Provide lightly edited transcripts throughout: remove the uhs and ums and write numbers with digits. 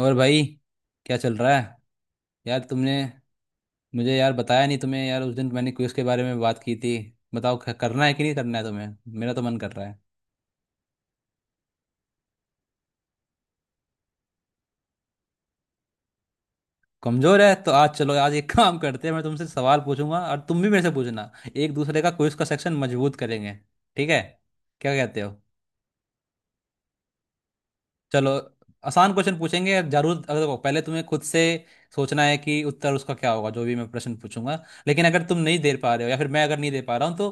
और भाई, क्या चल रहा है? यार तुमने मुझे यार बताया नहीं। तुम्हें यार उस दिन मैंने क्विज के बारे में बात की थी। बताओ, करना है कि नहीं करना है तुम्हें? मेरा तो मन कर रहा है। कमजोर है तो आज चलो आज एक काम करते हैं। मैं तुमसे सवाल पूछूंगा और तुम भी मेरे से पूछना। एक दूसरे का क्विज का सेक्शन मजबूत करेंगे। ठीक है? क्या कहते हो? चलो, आसान क्वेश्चन पूछेंगे जरूर। अगर देखो, पहले तुम्हें खुद से सोचना है कि उत्तर उसका क्या होगा जो भी मैं प्रश्न पूछूंगा। लेकिन अगर तुम नहीं दे पा रहे हो या फिर मैं अगर नहीं दे पा रहा हूँ तो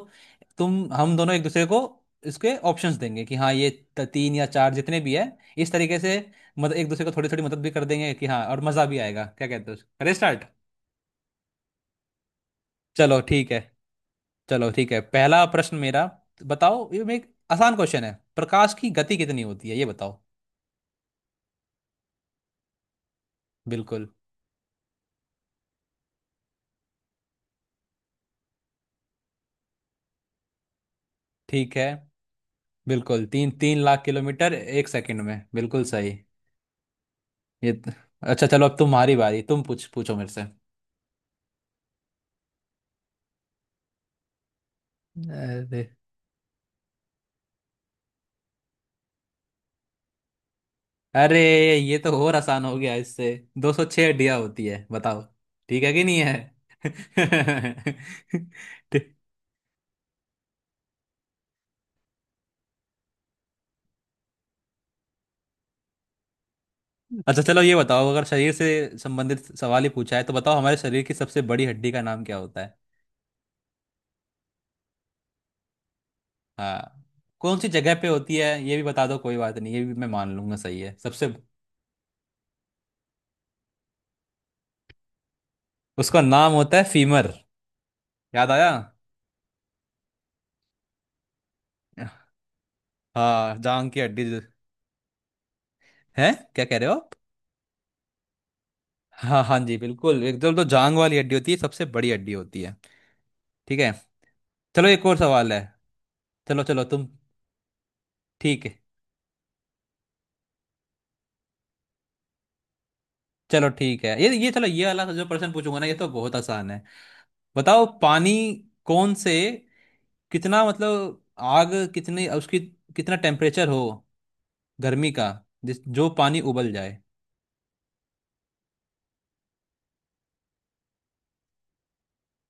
तुम, हम दोनों एक दूसरे को इसके ऑप्शंस देंगे कि हाँ ये तीन या चार जितने भी है, इस तरीके से मदद, एक दूसरे को थोड़ी थोड़ी मदद भी कर देंगे कि हाँ और मज़ा भी आएगा। क्या कहते हो, करें स्टार्ट? चलो ठीक है। चलो ठीक है, पहला प्रश्न मेरा। बताओ, ये मैं एक आसान क्वेश्चन है, प्रकाश की गति कितनी होती है ये बताओ। बिल्कुल। ठीक है, बिल्कुल, तीन तीन लाख किलोमीटर 1 सेकंड में, बिल्कुल सही। ये त- अच्छा चलो, अब तुम्हारी बारी, तुम पूछ पूछो मेरे से। अरे, अरे, ये तो और आसान हो गया इससे। 206 डिया होती है, बताओ ठीक है कि नहीं है। ठीक- अच्छा चलो ये बताओ, अगर शरीर से संबंधित सवाल ही पूछा है तो बताओ, हमारे शरीर की सबसे बड़ी हड्डी का नाम क्या होता है? हाँ, कौन सी जगह पे होती है ये भी बता दो, कोई बात नहीं, ये भी मैं मान लूंगा सही है सबसे। उसका नाम होता है फीमर। याद आया। हाँ, जांग की हड्डी। है, क्या कह रहे हो आप? हाँ हाँ जी बिल्कुल, एकदम तो जांग वाली हड्डी होती है सबसे बड़ी हड्डी होती है। ठीक है। चलो एक और सवाल है। चलो चलो तुम। ठीक है, चलो ठीक है, ये चलो, ये वाला जो प्रश्न पूछूंगा ना, ये तो बहुत आसान है। बताओ, पानी, कौन से, कितना, मतलब आग कितनी उसकी, कितना टेम्परेचर हो गर्मी का जिस, जो पानी उबल जाए।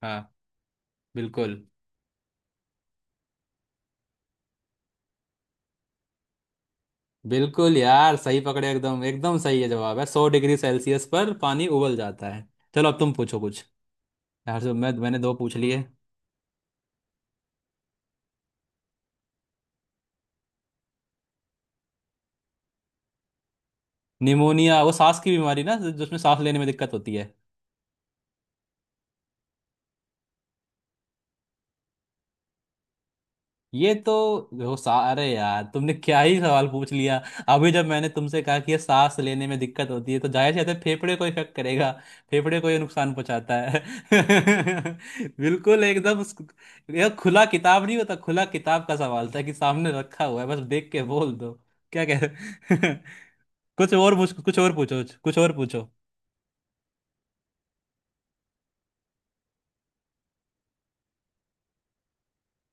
हाँ बिल्कुल। बिल्कुल यार, सही पकड़े, एकदम एकदम सही है जवाब, है 100 डिग्री सेल्सियस पर पानी उबल जाता है। चलो अब तुम पूछो कुछ, यार जो मैंने दो पूछ लिए। निमोनिया, वो सांस की बीमारी ना जिसमें सांस लेने में दिक्कत होती है। ये तो, वो सा, अरे यार तुमने क्या ही सवाल पूछ लिया। अभी जब मैंने तुमसे कहा कि ये सांस लेने में दिक्कत होती है तो जाहिर सी बात है फेफड़े को इफेक्ट करेगा। फेफड़े को ये नुकसान पहुंचाता है। बिल्कुल एकदम। यह खुला किताब नहीं होता, खुला किताब का सवाल था कि सामने रखा हुआ है बस देख के बोल दो। क्या कह रहे। कुछ और पूछो, कुछ और पूछो।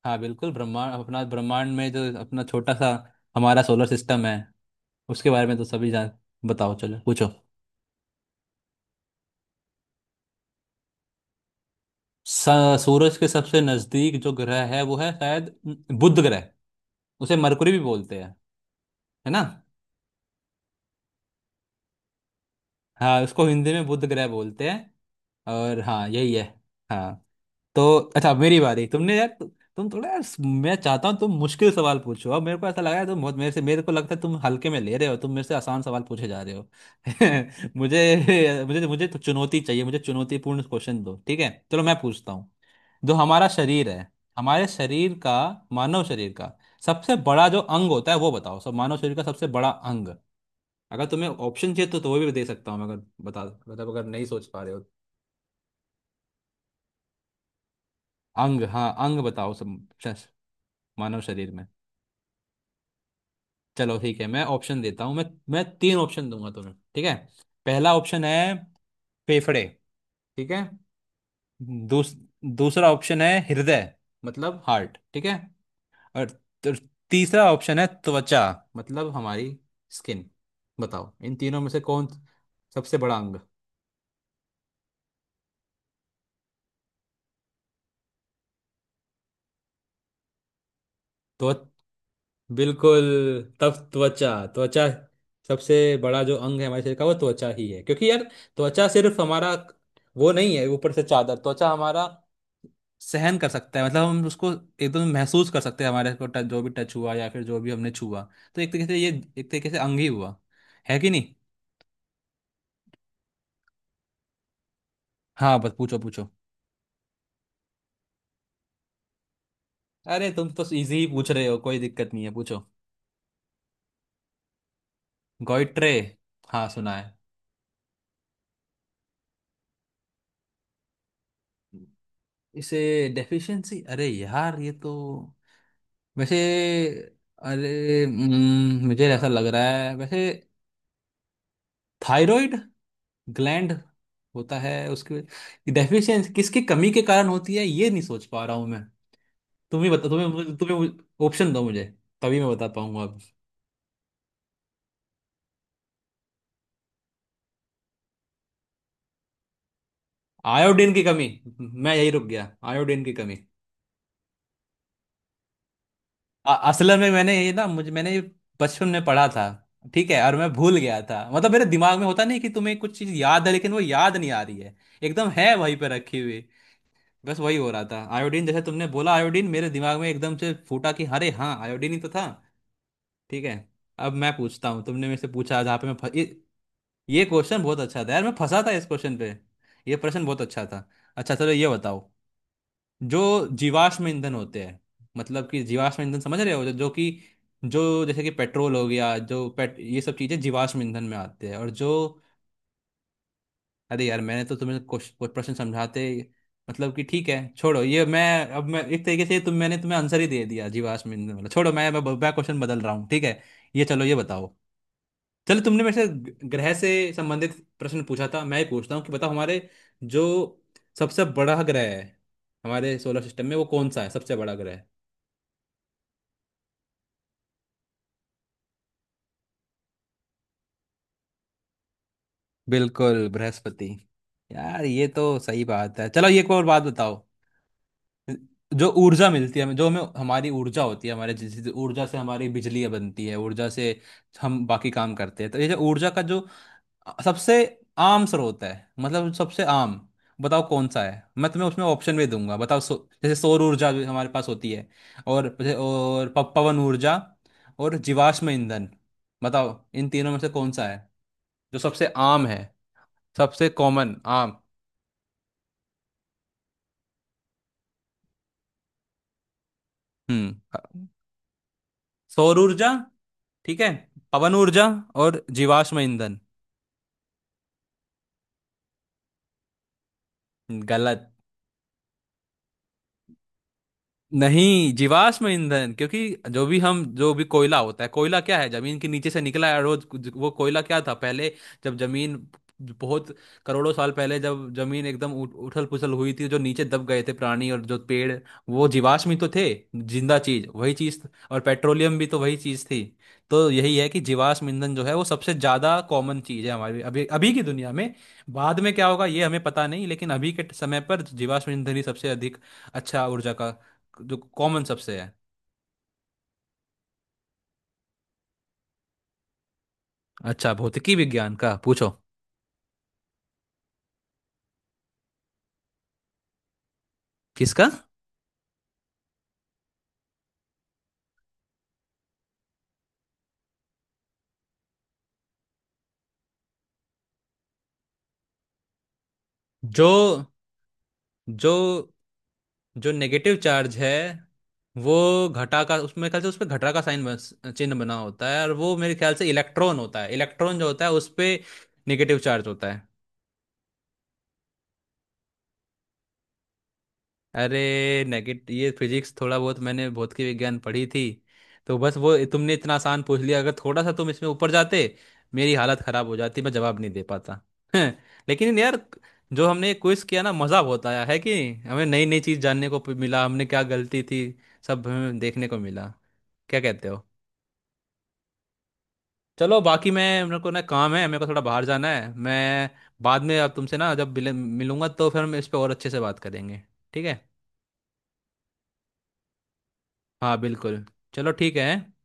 हाँ बिल्कुल, ब्रह्मांड, अपना ब्रह्मांड में जो अपना छोटा सा हमारा सोलर सिस्टम है उसके बारे में तो सभी जान। बताओ चलो पूछो। सूरज के सबसे नजदीक जो ग्रह है वो है शायद बुध ग्रह, उसे मरकुरी भी बोलते हैं, है ना? हाँ, उसको हिंदी में बुध ग्रह बोलते हैं, और हाँ यही है। हाँ तो अच्छा, अब मेरी बारी। तुमने यार, तुम थोड़ा यार, मैं चाहता हूँ तुम मुश्किल सवाल पूछो अब। मेरे को ऐसा लगा है तुम बहुत मेरे से, मेरे को लगता है तुम हल्के में ले रहे हो, तुम मेरे से आसान सवाल पूछे जा रहे हो। मुझे मुझे मुझे तो चुनौती चाहिए, मुझे चुनौतीपूर्ण क्वेश्चन दो, ठीक है? चलो मैं पूछता हूँ। जो हमारा शरीर है, हमारे शरीर का, मानव शरीर का सबसे बड़ा जो अंग होता है वो बताओ, सब मानव शरीर का सबसे बड़ा अंग। अगर तुम्हें ऑप्शन चाहिए तो वो भी दे सकता हूँ मैं, अगर बता, मतलब अगर नहीं सोच पा रहे हो। अंग, हाँ अंग बताओ सब, शश- मानव शरीर में। चलो ठीक है, मैं ऑप्शन देता हूँ मैं। मैं 3 ऑप्शन दूंगा तुम्हें, ठीक है? पहला ऑप्शन है फेफड़े, ठीक है? दूस, दूसरा ऑप्शन है हृदय, मतलब हार्ट, ठीक है? और तर- तीसरा ऑप्शन है त्वचा, मतलब हमारी स्किन। बताओ इन तीनों में से कौन सबसे बड़ा अंग? त्व बिल्कुल, तब त्वचा। त्वचा, सबसे बड़ा जो अंग है हमारे शरीर का वो त्वचा ही है, क्योंकि यार त्वचा सिर्फ हमारा वो नहीं है ऊपर से चादर, त्वचा हमारा सहन कर सकता है, मतलब हम उसको एकदम महसूस कर सकते हैं, हमारे को टच, जो भी टच हुआ या फिर जो भी हमने छुआ, तो एक तरीके से ये, एक तरीके से अंग ही हुआ, है कि नहीं? हाँ बस पूछो पूछो। अरे तुम तो इजी ही पूछ रहे हो, कोई दिक्कत नहीं है पूछो। गॉइट्रे, हाँ सुना है। इसे डेफिशिएंसी, अरे यार ये तो वैसे, अरे मुझे ऐसा लग रहा है वैसे थायराइड ग्लैंड होता है, उसकी डेफिशिएंसी किसकी कमी के कारण होती है ये नहीं सोच पा रहा हूँ मैं। तुम ही बता, तुम्हें तुम्हें ऑप्शन दो मुझे तभी मैं बता पाऊंगा अब। आयोडीन की कमी। मैं यही रुक गया, आयोडीन की कमी। असल में मैंने ये, ना मुझे, मैंने ये बचपन में पढ़ा था ठीक है, और मैं भूल गया था, मतलब मेरे दिमाग में होता नहीं कि तुम्हें कुछ चीज याद है लेकिन वो याद नहीं आ रही है, एकदम है वहीं पे रखी हुई। बस वही हो रहा था, आयोडीन जैसे तुमने बोला आयोडीन मेरे दिमाग में एकदम से फूटा कि अरे हाँ आयोडीन ही तो था, ठीक है। अब मैं पूछता हूँ। तुमने मेरे से पूछा जहाँ पे मैं ये क्वेश्चन बहुत अच्छा था यार, मैं फंसा था इस क्वेश्चन पे, ये प्रश्न बहुत अच्छा था। अच्छा चलो ये बताओ, जो जीवाश्म ईंधन होते हैं, मतलब कि जीवाश्म ईंधन, समझ रहे हो, जो जो कि जो जैसे कि पेट्रोल हो गया, जो पेट, ये सब चीज़ें जीवाश्म ईंधन में आते हैं और जो, अरे यार मैंने तो तुम्हें कुछ कुछ प्रश्न समझाते, मतलब कि ठीक है छोड़ो ये, मैं अब मैं एक तरीके से, तुम, मैंने तुम्हें आंसर ही दे दिया जीवाश्म ईंधन वाला, छोड़ो, मैं क्वेश्चन बदल रहा हूँ ठीक है। ये चलो ये बताओ। चलो, तुमने मेरे से ग्रह से संबंधित प्रश्न पूछा था, मैं ही पूछता हूँ कि बताओ, हमारे जो सबसे बड़ा ग्रह है हमारे सोलर सिस्टम में, वो कौन सा है सबसे बड़ा ग्रह? बिल्कुल बृहस्पति। यार ये तो सही बात है। चलो ये एक और बात बताओ, जो ऊर्जा मिलती है हमें, जो हमें हमारी ऊर्जा होती है, हमारे जिस ऊर्जा से हमारी बिजली बनती है, ऊर्जा से हम बाकी काम करते हैं, तो ये जो ऊर्जा का जो सबसे आम स्रोत है, मतलब सबसे आम, बताओ कौन सा है। मैं तुम्हें उसमें ऑप्शन भी दूंगा, बताओ, जैसे सौर ऊर्जा भी हमारे पास होती है, और और पवन ऊर्जा, और जीवाश्म ईंधन। बताओ इन तीनों में से कौन सा है जो सबसे आम है, सबसे कॉमन आम। हम्म। सौर ऊर्जा, ठीक है, पवन ऊर्जा, और जीवाश्म ईंधन। गलत, नहीं, जीवाश्म ईंधन, क्योंकि जो भी हम, जो भी कोयला होता है, कोयला क्या है, जमीन के नीचे से निकला है रोज, वो कोयला क्या था पहले? जब जमीन बहुत करोड़ों साल पहले, जब जमीन एकदम उठ, उथल पुथल हुई थी, जो नीचे दब गए थे प्राणी और जो पेड़, वो जीवाश्म ही तो थे, जिंदा चीज, वही चीज, और पेट्रोलियम भी तो वही चीज थी। तो यही है कि जीवाश्म ईंधन जो है वो सबसे ज्यादा कॉमन चीज है हमारी अभी अभी की दुनिया में। बाद में क्या होगा ये हमें पता नहीं, लेकिन अभी के समय पर जीवाश्म ईंधन ही सबसे अधिक, अच्छा ऊर्जा का जो कॉमन सबसे है। अच्छा, भौतिकी विज्ञान का पूछो। किसका? जो, जो, जो नेगेटिव चार्ज है वो, घटा का, उसमें ख्याल से उसमें घटा का साइन बन, चिन्ह बना होता है, और वो मेरे ख्याल से इलेक्ट्रॉन होता है। इलेक्ट्रॉन जो होता है उस पे नेगेटिव चार्ज होता है। अरे, नेगेट, ये फिजिक्स थोड़ा बहुत मैंने भौतिक विज्ञान पढ़ी थी, तो बस वो तुमने इतना आसान पूछ लिया, अगर थोड़ा सा तुम इसमें ऊपर जाते मेरी हालत खराब हो जाती, मैं जवाब नहीं दे पाता। लेकिन यार, जो हमने क्विज किया ना, मजा बहुत आया है कि हमें नई नई चीज जानने को मिला, हमने क्या गलती थी सब हमें देखने को मिला। क्या कहते हो? चलो बाकी, मैं, मेरे को ना काम है, मेरे को थोड़ा बाहर जाना है, मैं बाद में अब तुमसे, ना जब मिलूंगा तो फिर हम इस पे और अच्छे से बात करेंगे, ठीक है? हाँ बिल्कुल। चलो ठीक है।